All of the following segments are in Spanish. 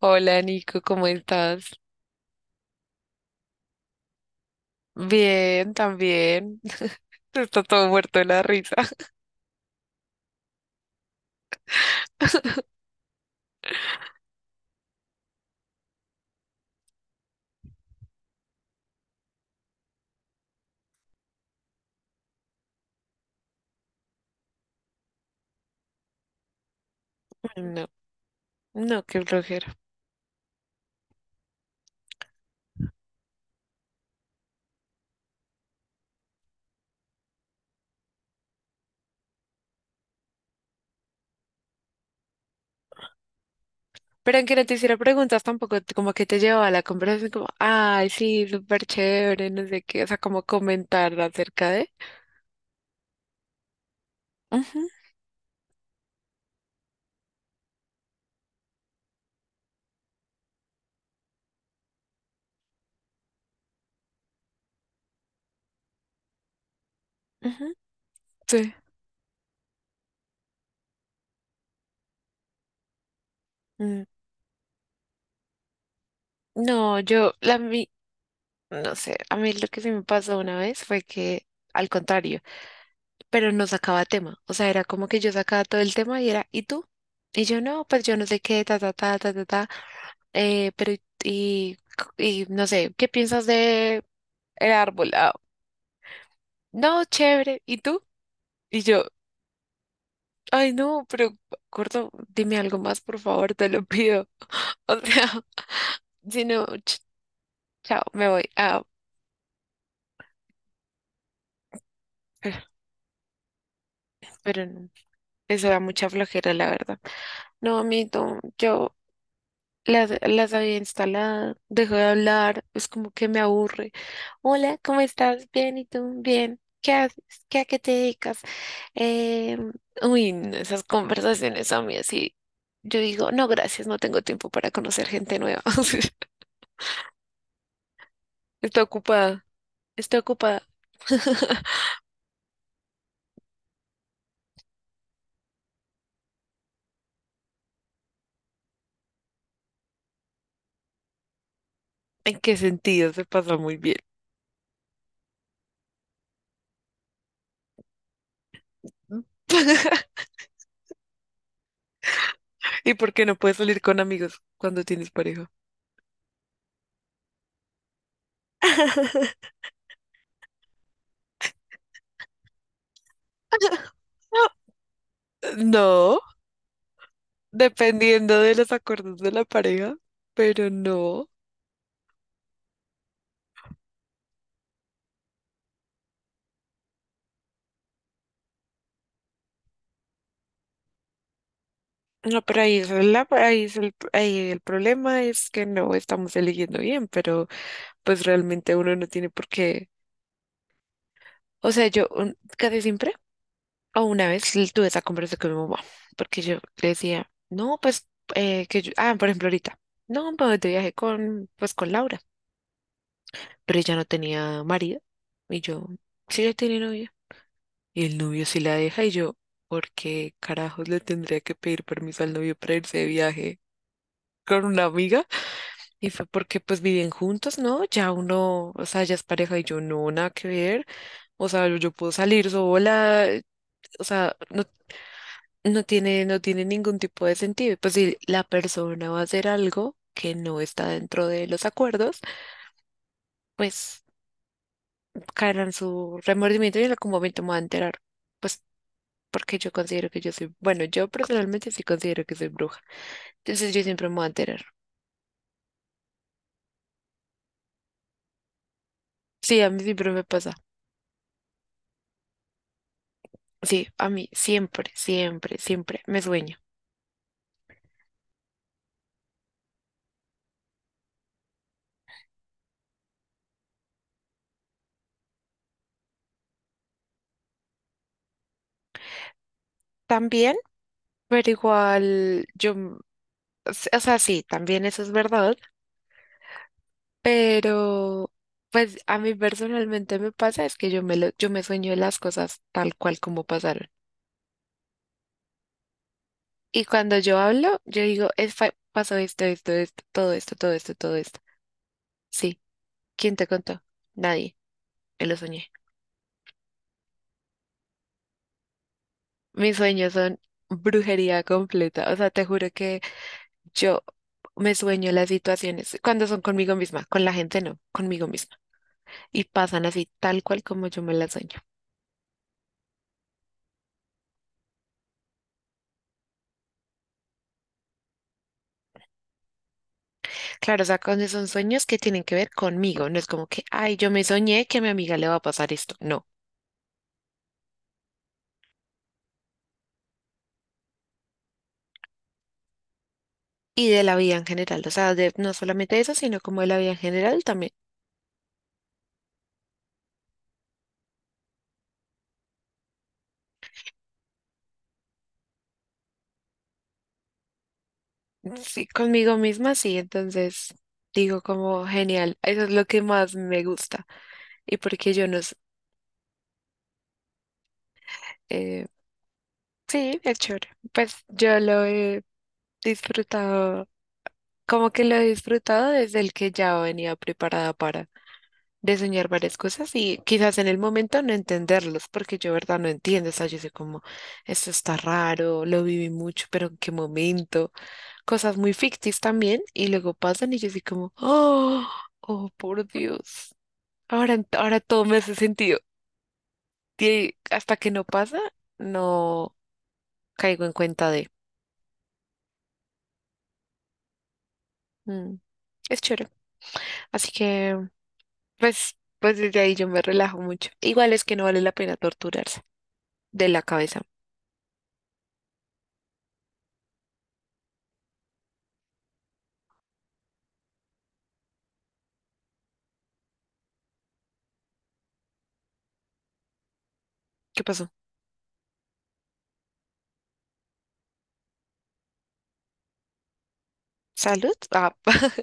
Hola Nico, ¿cómo estás? Bien, también. Está todo muerto de la risa. No, no, qué flojera. Pero aunque no te hiciera preguntas tampoco, como que te llevaba a la conversación como, ay, sí, súper chévere, no sé qué, o sea, como comentar acerca de... Ujú, ujú, sí. Mm, No, yo, no sé, a mí lo que sí me pasó una vez fue que, al contrario. Pero no sacaba tema. O sea, era como que yo sacaba todo el tema y era, ¿y tú? Y yo no, pues yo no sé qué, ta, ta, ta, ta, ta, ta. Pero, y, y no sé, ¿qué piensas de el árbol? Ah, no, chévere. ¿Y tú? Y yo, ay, no, pero, gordo, dime algo más, por favor, te lo pido. O sea, si no, chao, me voy. Ah, pero, pero no, eso da mucha flojera, la verdad. No, amito, yo las había instalado, dejó de hablar, es como que me aburre. Hola, ¿cómo estás? Bien, ¿y tú? Bien. ¿Qué haces? ¿Qué a qué te dedicas? Eh, uy, no, esas conversaciones a mí así. Yo digo, no, gracias, no tengo tiempo para conocer gente nueva. Estoy ocupada, estoy ocupada. ¿En qué sentido? Se pasa muy bien. ¿Y por qué no puedes salir con amigos cuando tienes pareja? No, dependiendo de los acuerdos de la pareja, pero no. No, pero ahí el problema es que no estamos eligiendo bien, pero pues realmente uno no tiene por qué. O sea, casi siempre o una vez tuve esa conversación con mi mamá, porque yo le decía, no, pues que yo, por ejemplo ahorita, no, pues de viaje con, pues con Laura, pero ella no tenía marido y yo, sí, yo tenía novio. Y el novio sí la deja y yo, ¿por qué carajos le tendría que pedir permiso al novio para irse de viaje con una amiga? Y fue porque pues viven juntos, ¿no? Ya uno, o sea, ya es pareja y yo no, nada que ver. O sea, yo puedo salir sola, o sea, no, no tiene ningún tipo de sentido. Y pues si la persona va a hacer algo que no está dentro de los acuerdos, pues caerá en su remordimiento y en algún momento me va a enterar. Pues porque yo considero que yo soy, bueno, yo personalmente sí considero que soy bruja. Entonces yo siempre me voy a enterar. Sí, a mí siempre me pasa. Sí, a mí siempre, siempre, siempre me sueño. También, pero igual yo, o sea, sí, también eso es verdad, pero pues a mí personalmente me pasa es que yo me sueño las cosas tal cual como pasaron. Y cuando yo hablo, yo digo, pasó esto, esto, esto, todo esto, todo esto, todo esto. Sí, ¿quién te contó? Nadie, me lo soñé. Mis sueños son brujería completa. O sea, te juro que yo me sueño las situaciones cuando son conmigo misma, con la gente no, conmigo misma. Y pasan así tal cual como yo me las sueño. Claro, o sea, cuando son sueños que tienen que ver conmigo, no es como que, ay, yo me soñé que a mi amiga le va a pasar esto. No. Y de la vida en general, o sea, de, no solamente eso, sino como de la vida en general también. Sí, conmigo misma, sí. Entonces digo como genial, eso es lo que más me gusta. Y porque yo no sé. eh, Sí, es chévere. Pues yo lo he disfrutado, como que lo he disfrutado desde el que ya venía preparada para diseñar varias cosas y quizás en el momento no entenderlos, porque yo verdad no entiendo, o sea, yo sé como, esto está raro, lo viví mucho, pero en qué momento, cosas muy ficticias también y luego pasan y yo así como, oh, oh, por Dios, ahora, ahora todo me hace sentido. Y hasta que no pasa, no caigo en cuenta de... "Mm, es chévere. Así que, pues desde ahí yo me relajo mucho. Igual es que no vale la pena torturarse de la cabeza. ¿Qué pasó? ¿Salud? Ah,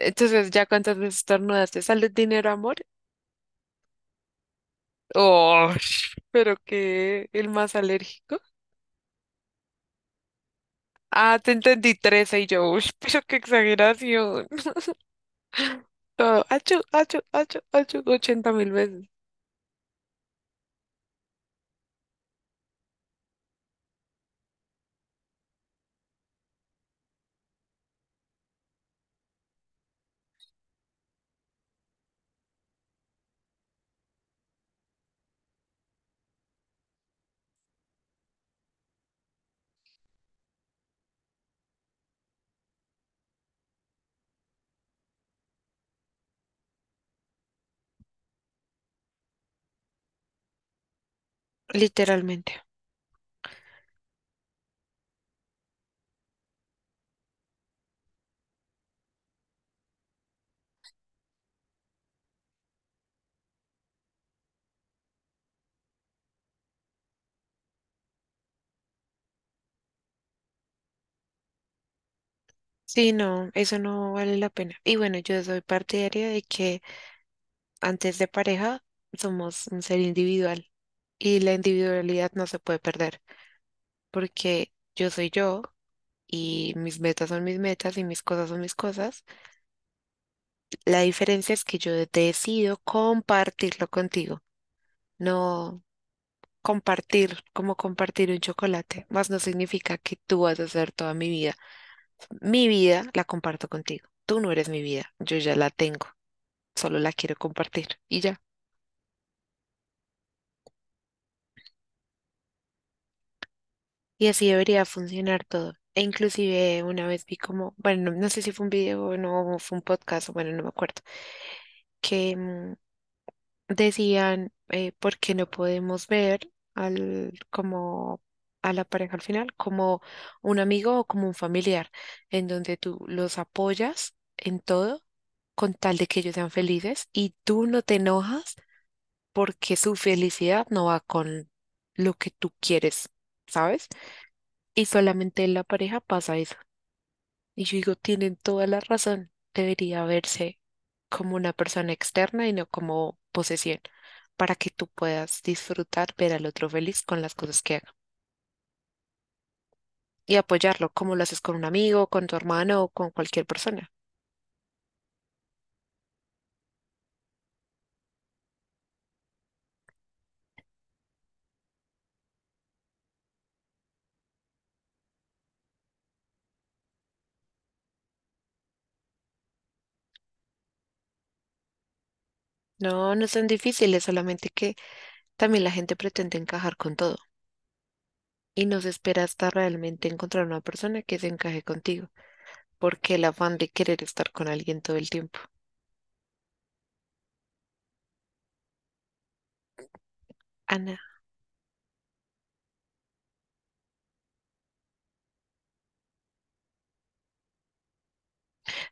entonces ya cuántas veces estornudaste, ¿salud, dinero, amor? Oh, pero que el más alérgico. Ah, te entendí 13 y yo, uy, pero qué exageración. Todo, achu, achu, achu, achu, 80 mil veces. Literalmente. Sí, no, eso no vale la pena. Y bueno, yo soy partidaria de que antes de pareja, somos un ser individual y la individualidad no se puede perder porque yo soy yo y mis metas son mis metas y mis cosas son mis cosas. La diferencia es que yo decido compartirlo contigo, no compartir como compartir un chocolate, más no significa que tú vas a ser toda mi vida. Mi vida la comparto contigo. Tú no eres mi vida, yo ya la tengo, solo la quiero compartir y ya. Y así debería funcionar todo. E inclusive una vez vi como, bueno, no, no sé si fue un video o no, o fue un podcast, bueno, no me acuerdo, que decían por qué no podemos ver como a la pareja al final como un amigo o como un familiar, en donde tú los apoyas en todo con tal de que ellos sean felices y tú no te enojas porque su felicidad no va con lo que tú quieres, ¿sabes? Y solamente en la pareja pasa eso. Y yo digo, tienen toda la razón. Debería verse como una persona externa y no como posesión, para que tú puedas disfrutar, ver al otro feliz con las cosas que haga y apoyarlo, como lo haces con un amigo, con tu hermano o con cualquier persona. No, no son difíciles, solamente que también la gente pretende encajar con todo y no se espera hasta realmente encontrar una persona que se encaje contigo, porque el afán de querer estar con alguien todo el tiempo. Ana.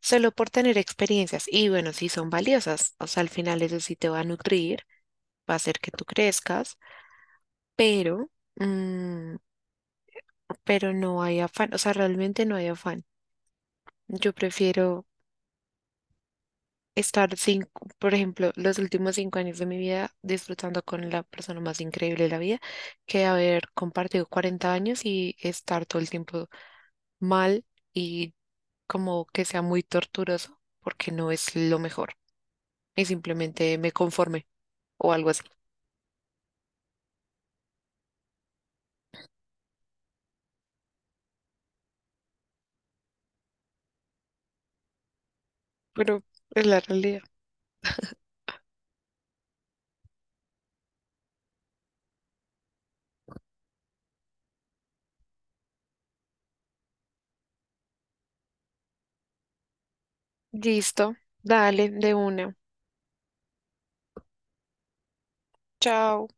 Solo por tener experiencias. Y bueno, sí son valiosas, o sea, al final eso sí te va a nutrir, va a hacer que tú crezcas, pero, mm, pero no hay afán, o sea, realmente no hay afán. Yo prefiero estar cinco, por ejemplo, los últimos 5 años de mi vida disfrutando con la persona más increíble de la vida que haber compartido 40 años y estar todo el tiempo mal y como que sea muy torturoso porque no es lo mejor y simplemente me conforme o algo así. Pero es la realidad. Listo, dale, de una. Chao.